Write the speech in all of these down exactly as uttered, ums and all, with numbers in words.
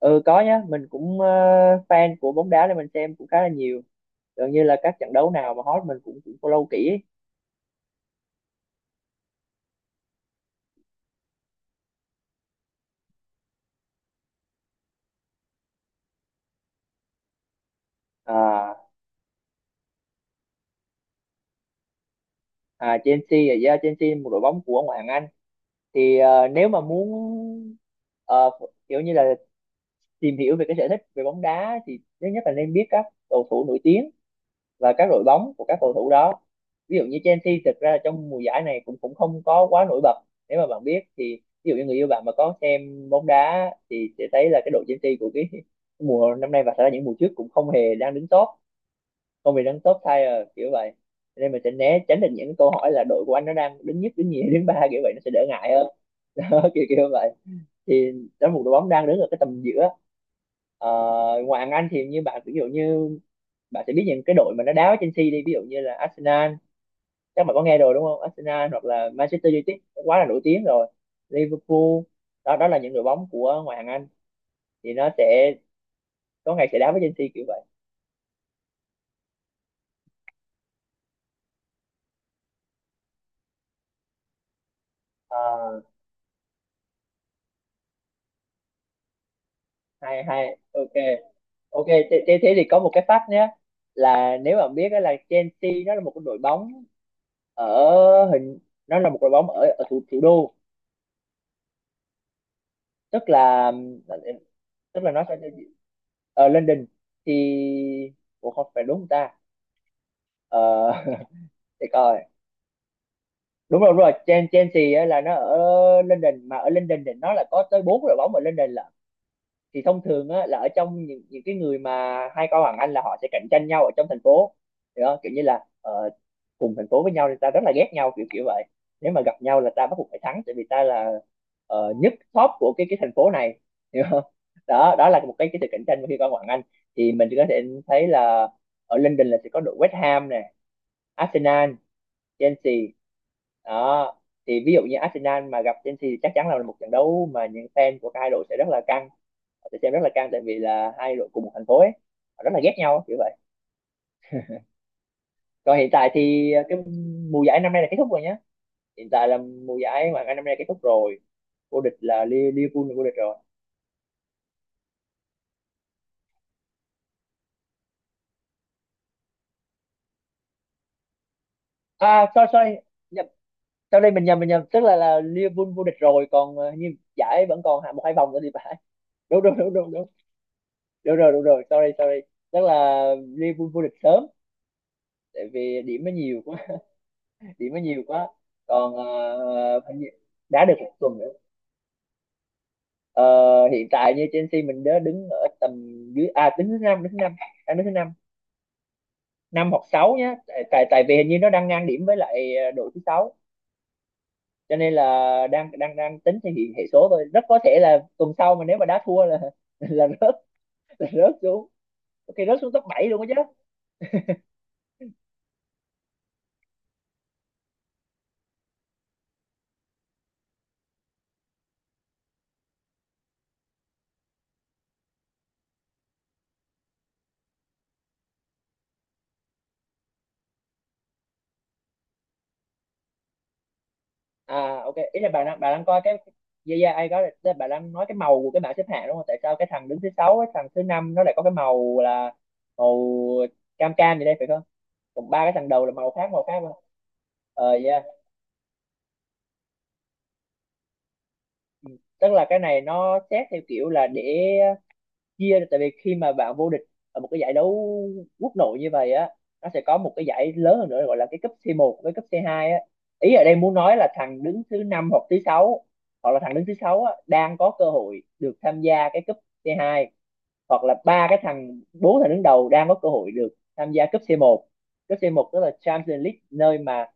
Ừ, có nhá. Mình cũng ờ, fan của bóng đá nên mình xem cũng khá là nhiều. Gần như là các trận đấu nào mà hot mình cũng cũng follow kỹ. À, à Chelsea là, yeah, Chelsea là một đội bóng của ngoại hạng Anh. Thì ờ, nếu mà muốn, ờ, kiểu như là tìm hiểu về cái sở thích về bóng đá thì thứ nhất là nên biết các cầu thủ nổi tiếng và các đội bóng của các cầu thủ đó. Ví dụ như Chelsea, thực ra trong mùa giải này cũng cũng không có quá nổi bật. Nếu mà bạn biết thì ví dụ như người yêu bạn mà có xem bóng đá thì sẽ thấy là cái đội Chelsea của cái mùa năm nay và thật ra những mùa trước cũng không hề đang đứng top, không hề đứng top tier kiểu vậy. Cho nên mình sẽ né tránh được những câu hỏi là đội của anh nó đang đứng nhất, đứng nhì, đứng ba kiểu vậy, nó sẽ đỡ ngại hơn. Đó, kiểu kiểu vậy. Thì đó là một đội bóng đang đứng ở cái tầm giữa. Ờ, ngoài hàng Anh thì như bạn, ví dụ như bạn sẽ biết những cái đội mà nó đá với Chelsea đi, ví dụ như là Arsenal, chắc bạn có nghe rồi đúng không? Arsenal hoặc là Manchester United, nó quá là nổi tiếng rồi. Liverpool. Đó, đó là những đội bóng của ngoại hạng Anh, thì nó sẽ có ngày sẽ đá với Chelsea kiểu vậy. à, Hay hay, ok. Ok thế, thế thế thì có một cái fact nhé, là nếu bạn biết đó là Chelsea, nó là một cái đội bóng ở, hình, nó là một đội bóng ở, ở thủ thủ đô. Tức là, tức là nó sẽ ở London. Thì ủa, không phải đúng không ta? ờ, để coi. Đúng rồi, đúng rồi, Chen- Chelsea á là nó ở London, mà ở London thì nó là có tới bốn đội bóng ở London là, thì thông thường á, là ở trong những những cái người mà hai con bằng anh là họ sẽ cạnh tranh nhau ở trong thành phố. Hiểu không? Kiểu như là, ờ, cùng thành phố với nhau thì ta rất là ghét nhau kiểu kiểu vậy. Nếu mà gặp nhau là ta bắt buộc phải thắng tại vì ta là, ờ, nhất top của cái cái thành phố này. Hiểu không? Đó, đó là một cái cái sự cạnh tranh mà khi con bằng anh, thì mình có thể thấy là ở London là sẽ có đội West Ham nè, Arsenal, Chelsea. Đó, thì ví dụ như Arsenal mà gặp Chelsea thì chắc chắn là một trận đấu mà những fan của hai đội sẽ rất là căng, họ sẽ xem rất là căng tại vì là hai đội cùng một thành phố ấy, họ rất là ghét nhau kiểu vậy. Còn hiện tại thì ờ, cái mùa giải năm nay là kết thúc rồi nhá. Hiện tại là mùa giải mà năm nay kết thúc rồi. Vô địch là, Li- Liverpool là vô địch rồi. À sorry, sorry, nhập sau đây mình nhầm, mình nhầm, tức là là Liverpool vô địch rồi, còn ờ, như giải vẫn còn hạ một hai vòng nữa thì phải. Đúng, đúng, đúng, đúng, đúng. Đúng rồi, đúng rồi, sorry, sorry. Tức là Liverpool vô địch sớm tại vì điểm nó nhiều quá. Điểm nó nhiều quá. Còn ờ, hình như đá được một tuần nữa. Ờ, hiện tại như Chelsea mình đã đứng ở tầm dưới, à, đứng thứ năm, đứng thứ năm đang đứng thứ năm, năm hoặc sáu nhá, tại tại tại vì hình như nó đang ngang điểm với lại, ờ, đội thứ sáu. Cho nên là đang đang đang tính thì hiện hệ số thôi, rất có thể là tuần sau mà nếu mà đá thua là là rớt, là rớt xuống. Ok, rớt xuống top bảy luôn á, chứ. à ok, ý là bạn đang bạn đang coi cái, yeah, yeah, ai có, tức là bạn đang nói cái màu của cái bảng xếp hạng đúng không? Tại sao cái thằng đứng thứ sáu, cái thằng thứ năm nó lại có cái màu là màu, cam cam gì đây phải không? Còn ba cái thằng đầu là màu khác, màu khác mà. Ờ yeah. Ừ. Tức là cái này nó xét theo kiểu là để chia, tại vì khi mà bạn vô địch ở một cái giải đấu quốc nội như vậy á, nó sẽ có một cái giải lớn hơn nữa gọi là cái cấp c một với cấp c hai á. Ý ở đây muốn nói là thằng đứng thứ năm hoặc thứ sáu, hoặc là thằng đứng thứ sáu á đang có cơ hội được tham gia cái cấp c hai, hoặc là ba cái thằng, bốn thằng đứng đầu đang có cơ hội được tham gia cấp c một. Cấp c một tức là Champions League, nơi mà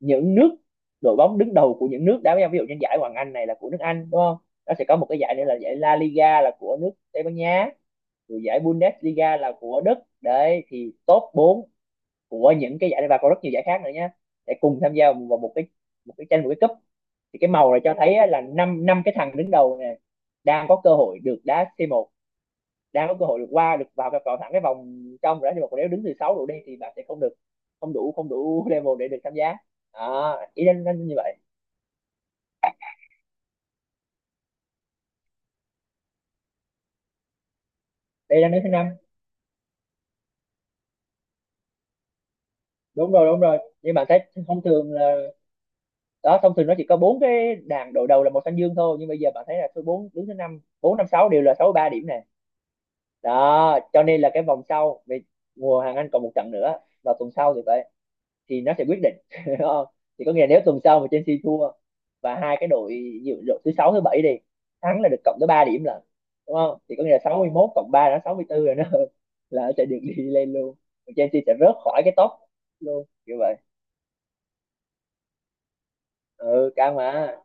những nước, đội bóng đứng đầu của những nước đá với nhau. Ví dụ như giải Hoàng Anh này là của nước Anh đúng không? Nó sẽ có một cái giải nữa là giải La Liga là của nước Tây Ban Nha, rồi giải Bundesliga là của Đức. Đấy, thì top bốn của những cái giải này và còn rất nhiều giải khác nữa nhé, để cùng tham gia vào một cái, một cái tranh một cái cúp. Thì cái màu này cho thấy á, là năm năm cái thằng đứng đầu này đang có cơ hội được đá c một, đang có cơ hội được qua được vào, vào thẳng cái vòng trong rồi đó, nhưng mà còn nếu đứng từ sáu độ đi thì bạn sẽ không được, không đủ, không đủ level để được tham gia. à, ý đang như vậy. Đây là nước thứ năm. Đúng rồi, đúng rồi, nhưng mà thấy thông thường là, đó, thông thường nó chỉ có bốn cái đàn đội đầu là màu xanh dương thôi, nhưng bây giờ bạn thấy là số bốn đứng thứ năm, bốn năm sáu đều là sáu ba điểm này. Đó cho nên là cái vòng sau về mùa hàng Anh còn một trận nữa vào tuần sau thì vậy thì nó sẽ quyết định. Thì có nghĩa là nếu tuần sau mà Chelsea thua và hai cái đội, đội thứ sáu, thứ bảy đi thắng là được cộng tới ba điểm, là đúng không? Thì có nghĩa là sáu mươi mốt cộng ba là sáu mươi bốn rồi, nó là sẽ được đi lên luôn. Chelsea sẽ rớt khỏi cái top luôn như vậy. Ừ, cao mà.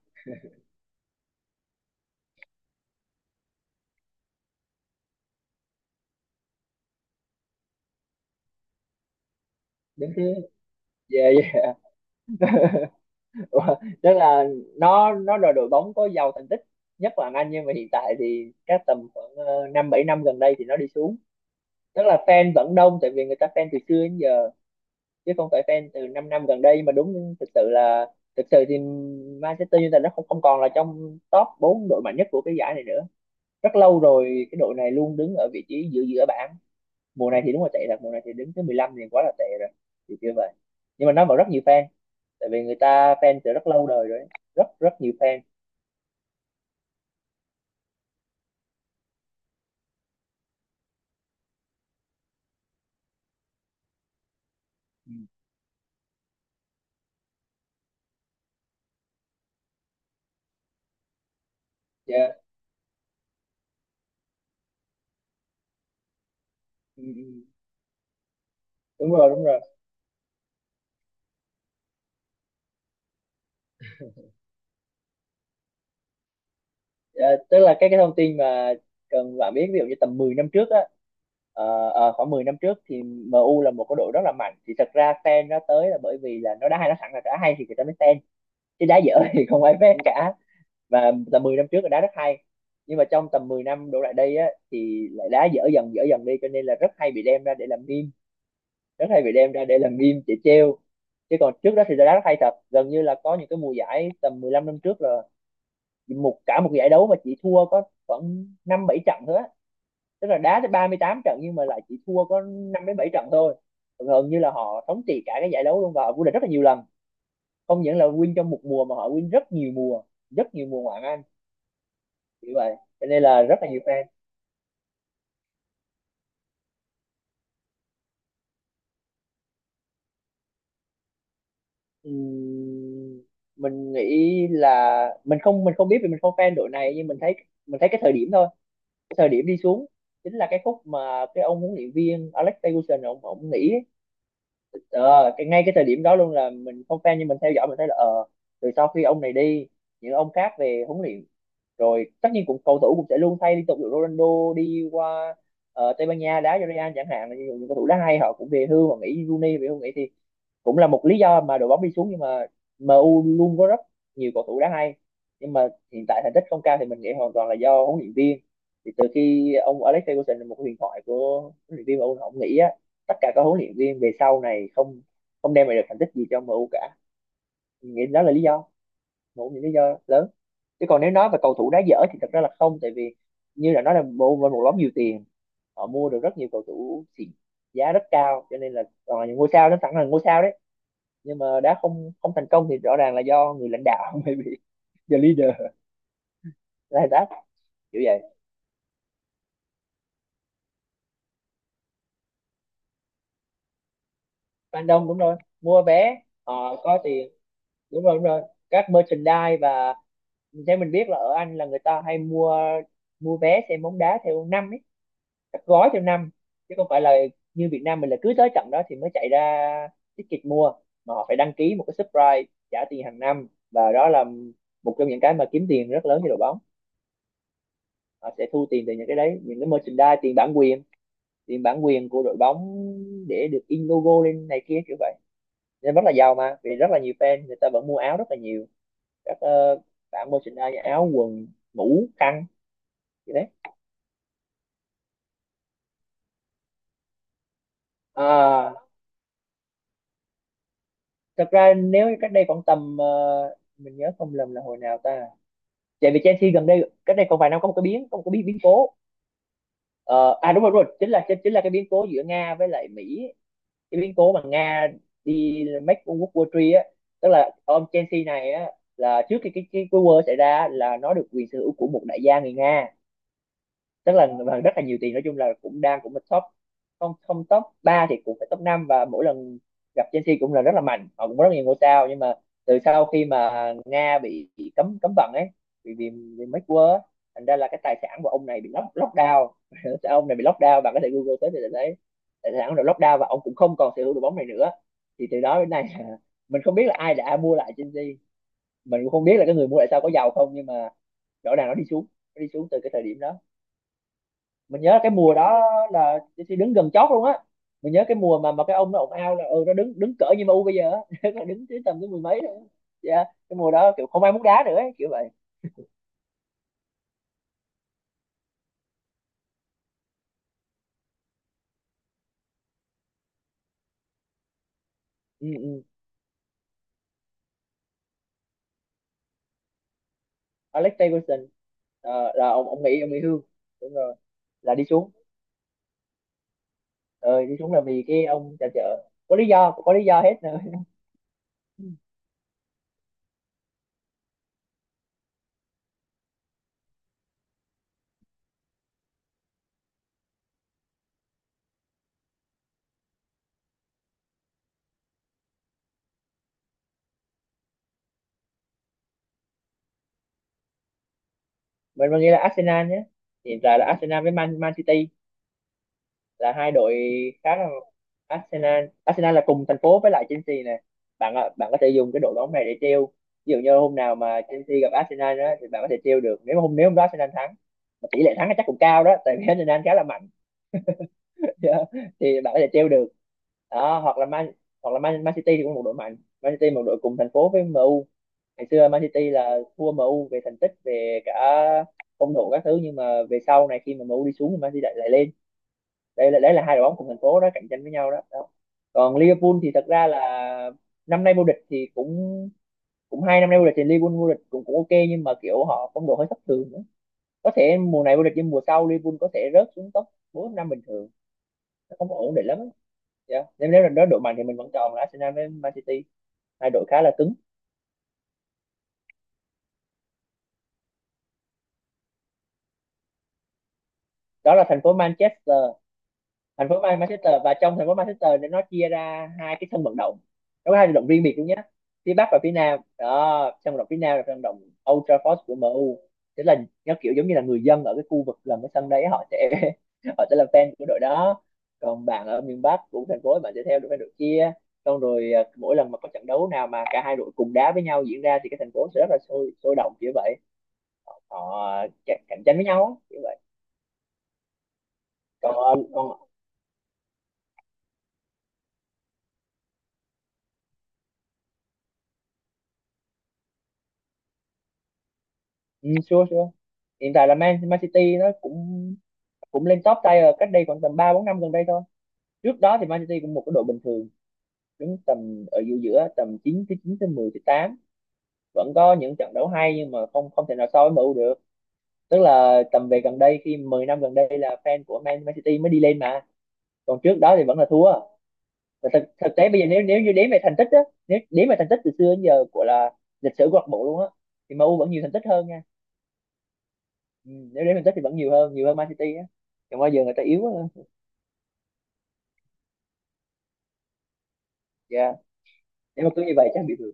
Đứng thứ, về, ủa, tức là nó nó là đội bóng có giàu thành tích nhất là Anh, nhưng mà hiện tại thì các tầm khoảng, ờ, năm bảy năm gần đây thì nó đi xuống. Tức là fan vẫn đông tại vì người ta fan từ xưa đến giờ, chứ không phải fan từ 5 năm năm gần đây mà. Đúng thực sự là, thực sự thì Manchester United nó không không còn là trong top bốn đội mạnh nhất của cái giải này nữa, rất lâu rồi. Cái đội này luôn đứng ở vị trí giữa, giữa bảng. Mùa này thì đúng là tệ thật, mùa này thì đứng thứ mười lăm thì quá là tệ rồi, thì chưa vậy. Nhưng mà nó vẫn rất nhiều fan tại vì người ta fan từ rất lâu đời rồi ấy. Rất rất nhiều fan. Ừ. Dạ. Ừ, ừ. đúng rồi đúng rồi Dạ, tức là cái cái thông tin mà cần bạn biết, ví dụ như tầm mười năm trước á. Ờ, ờ, khoảng mười năm trước thì em u là một cái đội rất là mạnh. Thì thật ra fan nó tới là bởi vì là nó đá hay, nó sẵn là đã hay thì người ta mới fan, chứ đá dở thì không ai fan cả. Và tầm mười năm trước là đá rất hay, nhưng mà trong tầm mười năm đổ lại đây á thì lại đá dở dần dở dần đi, cho nên là rất hay bị đem ra để làm meme, rất hay bị đem ra để làm meme để trêu. Chứ còn trước đó thì đá rất hay thật, gần như là có những cái mùa giải tầm mười lăm năm trước là một cả một giải đấu mà chỉ thua có khoảng năm bảy trận thôi á. Tức là đá tới ba mươi tám trận nhưng mà lại chỉ thua có năm đến bảy trận thôi. Gần như là họ thống trị cả cái giải đấu luôn và họ vô địch rất là nhiều lần. Không những là win trong một mùa mà họ win rất nhiều mùa, rất nhiều mùa ngoạn hạng Anh như vậy, cho nên là rất là nhiều fan. Ừm, mình nghĩ là mình không mình không biết vì mình không fan đội này, nhưng mình thấy mình thấy cái thời điểm thôi. Cái thời điểm đi xuống chính là cái khúc mà cái ông huấn luyện viên Alex Ferguson ông ông nghỉ. ờ, cái ngay cái thời điểm đó luôn là mình không fan nhưng mình theo dõi mình thấy là ờ từ sau khi ông này đi, những ông khác về huấn luyện, rồi tất nhiên cũng cầu thủ cũng sẽ luôn thay liên tục, ví dụ Ronaldo đi qua ờ, Tây Ban Nha đá cho Real chẳng hạn, là những cầu thủ đá hay họ cũng về hưu, họ nghỉ, Rooney về hưu nghỉ, thì cũng là một lý do mà đội bóng đi xuống. Nhưng mà em u luôn có rất nhiều cầu thủ đáng hay, nhưng mà hiện tại thành tích không cao thì mình nghĩ hoàn toàn là do huấn luyện viên. Thì từ khi ông Alex Ferguson là một huyền thoại của huấn luyện viên em u ông nghĩ á, tất cả các huấn luyện viên về sau này không không đem lại được thành tích gì cho em u cả. Mình nghĩ đó là lý do, một những lý do lớn. Chứ còn nếu nói về cầu thủ đá dở thì thật ra là không, tại vì như là nói là em u với một nhóm nhiều tiền, họ mua được rất nhiều cầu thủ xịn giá rất cao, cho nên là toàn là những ngôi sao, nó sẵn là ngôi sao đấy, nhưng mà đã không không thành công thì rõ ràng là do người lãnh đạo. Maybe the leader là that, kiểu vậy. Fan đông, đúng rồi, mua vé, họ có tiền, đúng rồi, đúng rồi, các merchandise. Và theo mình biết là ở Anh là người ta hay mua mua vé xem bóng đá theo năm ấy, các gói theo năm, chứ không phải là như Việt Nam mình là cứ tới trận đó thì mới chạy ra ticket mua, mà họ phải đăng ký một cái subscribe, trả tiền hàng năm. Và đó là một trong những cái mà kiếm tiền rất lớn cho đội bóng. Họ sẽ thu tiền từ những cái đấy, những cái merchandise, tiền bản quyền tiền bản quyền của đội bóng, để được in logo lên này kia kiểu vậy. Nên rất là giàu mà, vì rất là nhiều fan người ta vẫn mua áo rất là nhiều các ờ, bạn, merchandise, áo quần, mũ khăn gì đấy. À, thật ra nếu cách đây khoảng tầm ờ, mình nhớ không lầm là hồi nào ta, chạy vì Chelsea gần đây cách đây còn vài năm có một cái biến có một cái biến biến cố. Ờ, À đúng rồi, đúng rồi, chính là chính, chính là cái biến cố giữa Nga với lại Mỹ, cái biến cố mà Nga đi make World War ba á. Tức là ông Chelsea này á, là trước khi cái cái cái war xảy ra á, là nó được quyền sở hữu của một đại gia người Nga. Tức là và rất là nhiều tiền, nói chung là cũng đang, cũng là top, không không top ba thì cũng phải top năm. Và mỗi lần gặp Chelsea cũng là rất là mạnh, họ cũng có rất nhiều ngôi sao. Nhưng mà từ sau khi mà Nga bị, bị cấm cấm vận ấy, vì vì, vì mấy quơ, thành ra là cái tài sản của ông này bị lock lockdown. Ông này bị lockdown, bạn có thể Google tới thì sẽ thấy tài sản rồi lockdown, và ông cũng không còn sở hữu đội bóng này nữa. Thì từ đó đến nay mình không biết là ai đã mua lại Chelsea, mình cũng không biết là cái người mua lại sao có giàu không, nhưng mà rõ ràng nó đi xuống, nó đi xuống từ cái thời điểm đó. Mình nhớ cái mùa đó là Chelsea đứng gần chót luôn á, mình nhớ cái mùa mà mà cái ông nó ồn ào là ừ nó đứng đứng cỡ như em u bây giờ á. Nó đứng tới tầm tới mười mấy thôi, dạ cái mùa đó kiểu không ai muốn đá nữa ấy, kiểu vậy. Ừ, ừ. Alex Ferguson. Ờ, là ông ông nghỉ, ông nghỉ hưu, đúng rồi. Là đi xuống. ờ Đi xuống là vì cái ông trà chợ, có lý do, có lý do hết nữa. mình mình nghĩ là Arsenal nhé. Hiện tại là Arsenal với Man Man City là hai đội khá là, Arsenal Arsenal là cùng thành phố với lại Chelsea nè, bạn ạ- bạn có thể dùng cái đội bóng này để treo, ví dụ như hôm nào mà Chelsea gặp Arsenal đó thì bạn có thể treo được. Nếu mà hôm nếu hôm đó Arsenal thắng, mà tỷ lệ thắng là chắc cũng cao đó, tại vì Arsenal khá là mạnh. Thì bạn có thể treo được đó. Hoặc là Man hoặc là Man, Man City thì cũng một đội mạnh. Man City một đội cùng thành phố với em u. Ngày xưa Man City là thua em u về thành tích, về cả phong độ các thứ, nhưng mà về sau này khi mà em u đi xuống thì Man City lại, lại lên. Đây là đấy là hai đội bóng cùng thành phố đó, cạnh tranh với nhau đó, đó. Còn Liverpool thì thật ra là năm nay vô địch thì cũng cũng hai năm nay vô địch thì Liverpool vô địch cũng cũng ok, nhưng mà kiểu họ phong độ hơi thất thường nữa, có thể mùa này vô địch nhưng mùa sau Liverpool có thể rớt xuống top bốn năm bình thường, nó không có ổn định lắm á. Dạ. Nên nếu là đối đội mạnh thì mình vẫn chọn là Arsenal với Man City, hai đội khá là cứng. Đó là thành phố Manchester, thành phố Man- Manchester, và trong thành phố Manchester thì nó chia ra hai cái sân vận động. Nó có hai vận động riêng biệt luôn nhé, phía Bắc và phía Nam đó. Sân vận động phía Nam là sân vận động Old Trafford của em u. Tức là nó kiểu giống như là người dân ở cái khu vực gần cái sân đấy họ sẽ họ sẽ là fan của đội đó, còn bạn ở miền Bắc của thành phố bạn sẽ theo đội đội kia. Xong rồi à, mỗi lần mà có trận đấu nào mà cả hai đội cùng đá với nhau diễn ra thì cái thành phố sẽ rất là sôi sôi động kiểu vậy, họ chạy- cạnh tranh với nhau á, kiểu vậy. Còn còn Ừ, sure, sure. Hiện tại là Man, Man City nó cũng cũng lên top tier cách đây khoảng tầm ba bốn năm gần đây thôi. Trước đó thì Man City cũng một cái đội bình thường, đứng tầm ở giữa giữa tầm chín tới chín tới mười tới tám. Vẫn có những trận đấu hay nhưng mà không không thể nào so với em u được. Tức là tầm về gần đây khi mười năm gần đây là fan của Man, Man City mới đi lên mà. Còn trước đó thì vẫn là thua. Và thực, thực tế bây giờ nếu nếu như đếm về thành tích á, nếu đếm về thành tích từ xưa đến giờ của là lịch sử câu lạc bộ luôn á thì em u vẫn nhiều thành tích hơn nha. Ừ, nếu đến Manchester thì vẫn nhiều hơn nhiều hơn Man City á, còn bao giờ người ta yếu á. Dạ nếu mà cứ như vậy chắc bị được.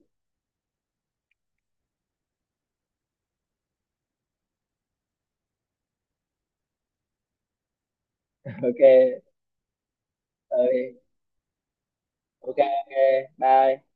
Ok. Ơi. Ok, ok, bye.